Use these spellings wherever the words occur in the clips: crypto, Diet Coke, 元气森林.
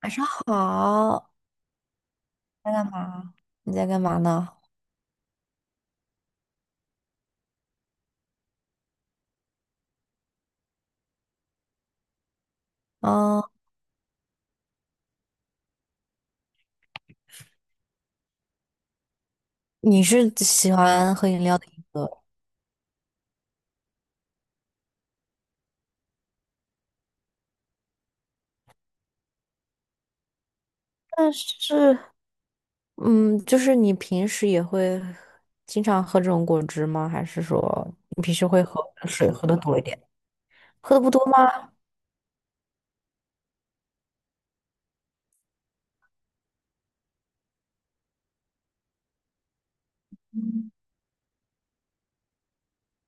晚上好，在干嘛？你在干嘛呢？嗯，你是喜欢喝饮料的一个，但是，嗯，就是你平时也会经常喝这种果汁吗？还是说你平时会喝水喝的多一点？喝的不多吗？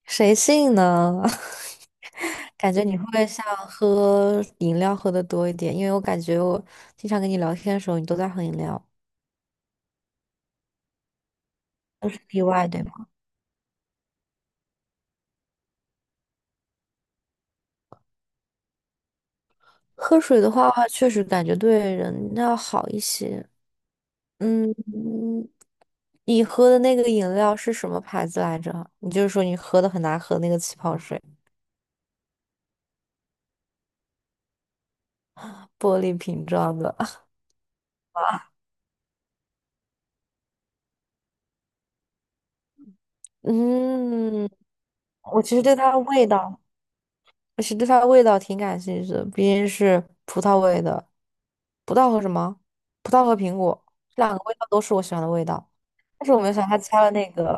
谁信呢？感觉你会像喝饮料喝的多一点，因为我感觉我经常跟你聊天的时候，你都在喝饮料，都是例外，对吗？喝水的话，确实感觉对人要好一些。嗯，你喝的那个饮料是什么牌子来着？你就是说你喝的很难喝那个气泡水，玻璃瓶装的。嗯，我其实对它的味道，我实对它的味道挺感兴趣的，毕竟是葡萄味的。葡萄和什么？葡萄和苹果，这两个味道都是我喜欢的味道。但是我没有想到它加了那个，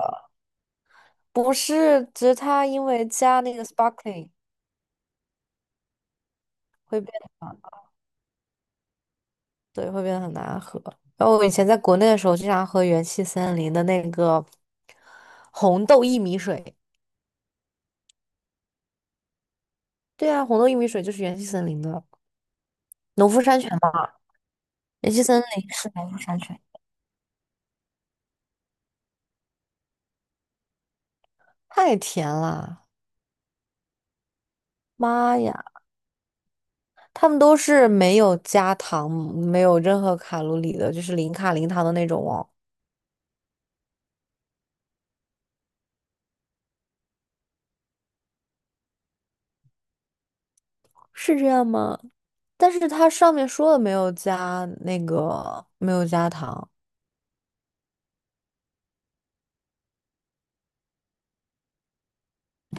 不是，只是它因为加那个 sparkling 会变。对，会变得很难喝。然后我以前在国内的时候，经常喝元气森林的那个红豆薏米水。对啊，红豆薏米水就是元气森林的农夫山泉嘛。元气森林是农夫山泉，太甜了，妈呀！他们都是没有加糖、没有任何卡路里的，就是零卡零糖的那种哦。是这样吗？但是它上面说的没有加那个，没有加糖。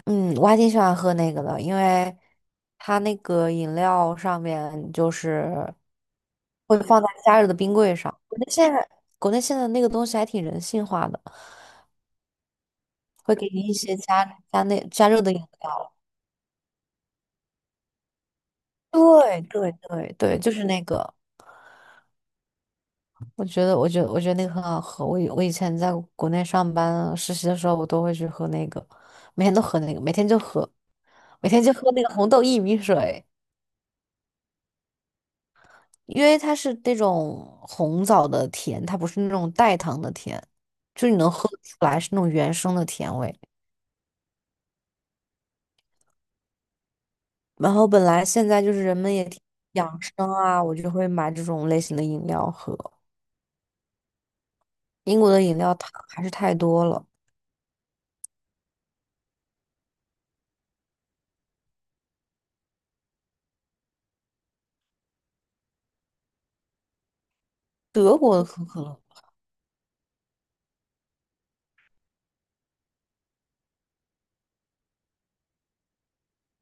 嗯，我还挺喜欢喝那个的，因为它那个饮料上面就是会放在加热的冰柜上。国内现在那个东西还挺人性化的，会给你一些加热的饮料。对对对对，就是那个，我觉得那个很好喝。我以前在国内上班实习的时候，我都会去喝那个，每天都喝那个，每天就喝，每天就喝那个红豆薏米水。因为它是那种红枣的甜，它不是那种代糖的甜，就你能喝得出来是那种原生的甜味。然后本来现在就是人们也挺养生啊，我就会买这种类型的饮料喝。英国的饮料糖还是太多了，德国的可口可乐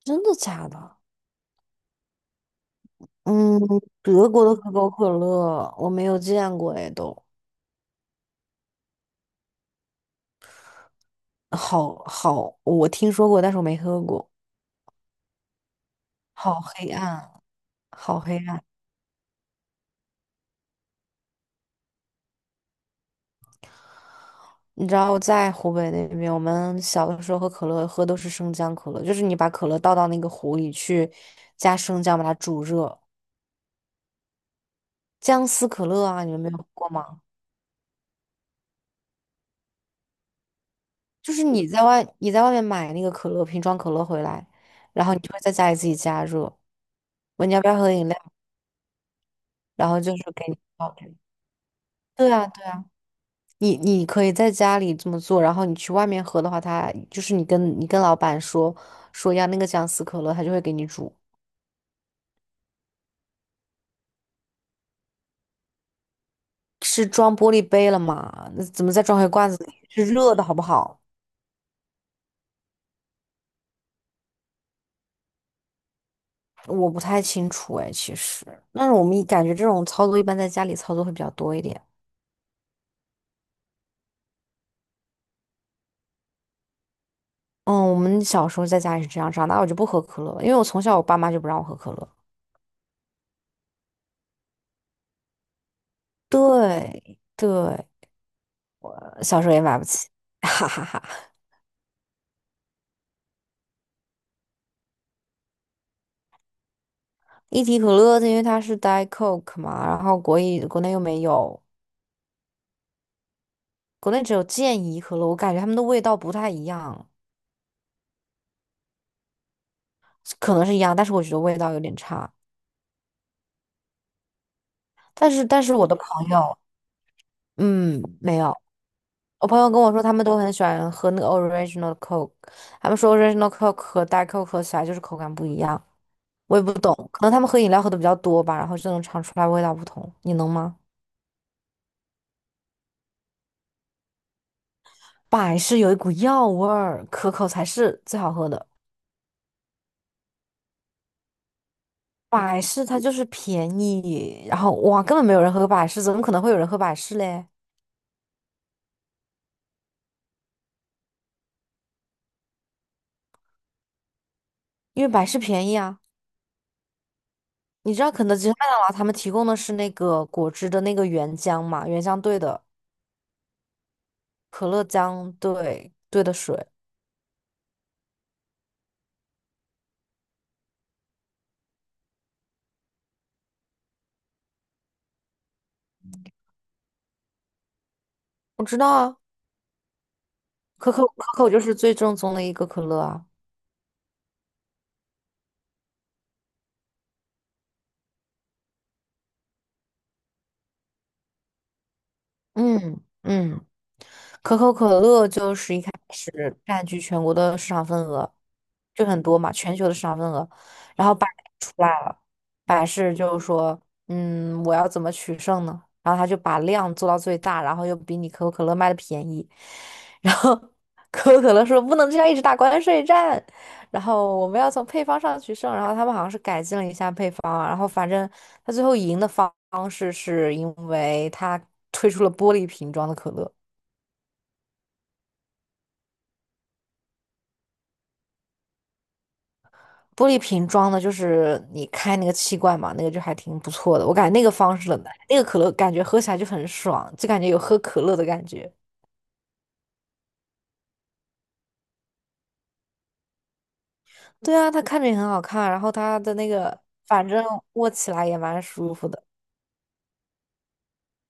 真的假的？嗯，德国的可口可乐我没有见过哎，都好好，我听说过，但是我没喝过，好黑暗啊，好黑暗啊。你知道我在湖北那边，我们小的时候喝可乐喝都是生姜可乐，就是你把可乐倒到那个壶里去，加生姜把它煮热，姜丝可乐啊，你们没有喝过吗？就是你在外面买那个可乐瓶装可乐回来，然后你就会在家里自己加热，问你要不要喝饮料，然后就是给你倒给你。对啊，对啊，你你可以在家里这么做，然后你去外面喝的话，他就是你跟老板说说要那个姜丝可乐，他就会给你煮。是装玻璃杯了嘛？那怎么再装回罐子里？是热的好不好？我不太清楚哎，其实，但是我们一感觉这种操作一般在家里操作会比较多一点。嗯，我们小时候在家里是这样，长大我就不喝可乐了因为我从小我爸妈就不让我喝可乐。对对，呃小时候也买不起，哈哈哈。一提可乐，因为它是 Diet Coke 嘛，然后国内又没有，国内只有健怡可乐，我感觉它们的味道不太一样，可能是一样，但是我觉得味道有点差。但是我的朋友。嗯，没有。我朋友跟我说，他们都很喜欢喝那个 original Coke，他们说 original Coke 和 Diet Coke 喝起来就是口感不一样。我也不懂，可能他们喝饮料喝的比较多吧，然后就能尝出来味道不同。你能吗？百事有一股药味儿，可口才是最好喝的。百事它就是便宜，然后哇，根本没有人喝百事，怎么可能会有人喝百事嘞？因为百事便宜啊。你知道肯德基、麦当劳他们提供的是那个果汁的那个原浆嘛？原浆兑的。可乐姜兑的水，我知道啊，可口就是最正宗的一个可乐啊，嗯嗯，可口可乐就是一开始占据全国的市场份额，就很多嘛，全球的市场份额，然后把百事就是说，嗯，我要怎么取胜呢？然后他就把量做到最大，然后又比你可口可乐卖的便宜。然后可口可乐说不能这样一直打关税战，然后我们要从配方上取胜。然后他们好像是改进了一下配方啊然后反正他最后赢的方式是因为他推出了玻璃瓶装的可乐。玻璃瓶装的，就是你开那个气罐嘛，那个就还挺不错的。我感觉那个方式了，那个可乐感觉喝起来就很爽，就感觉有喝可乐的感觉。对啊，它看着也很好看，然后它的那个，反正握起来也蛮舒服的。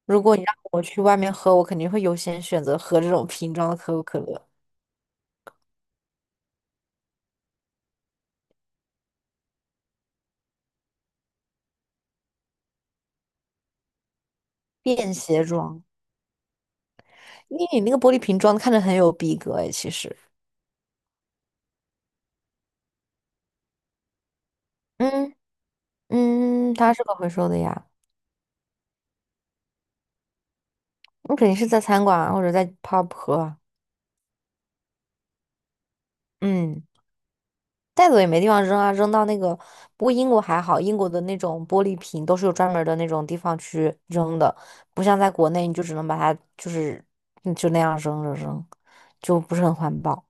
如果你让我去外面喝，我肯定会优先选择喝这种瓶装的可口可乐，便携装。因为你那个玻璃瓶装看着很有逼格诶，其实。嗯嗯，它是可回收的呀，你肯定是在餐馆啊或者在 pub 喝啊。嗯。带走也没地方扔啊，扔到那个。不过英国还好，英国的那种玻璃瓶都是有专门儿的那种地方去扔的，不像在国内，你就只能把它就是嗯就那样扔着扔，就不是很环保。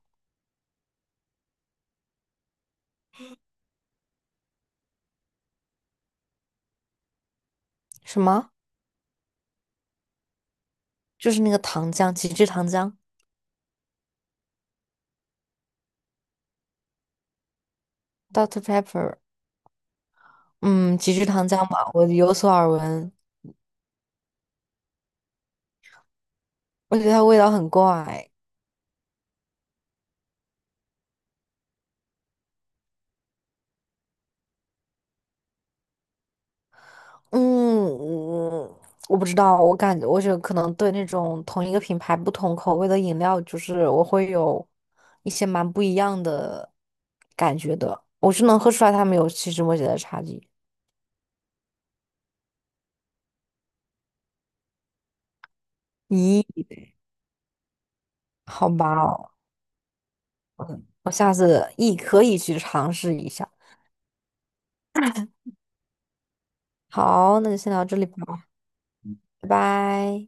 什么？就是那个糖浆，极致糖浆，Dr. o o c t Pepper，嗯，极致糖浆嘛，我有所耳闻，我觉得它味道很怪。嗯，我不知道，我觉得可能对那种同一个品牌不同口味的饮料，就是我会有一些蛮不一样的感觉的。我是能喝出来他们有细枝末节的差距。咦，好吧哦嗯我下次也可以去尝试一下。好，那就先聊这里吧，拜拜。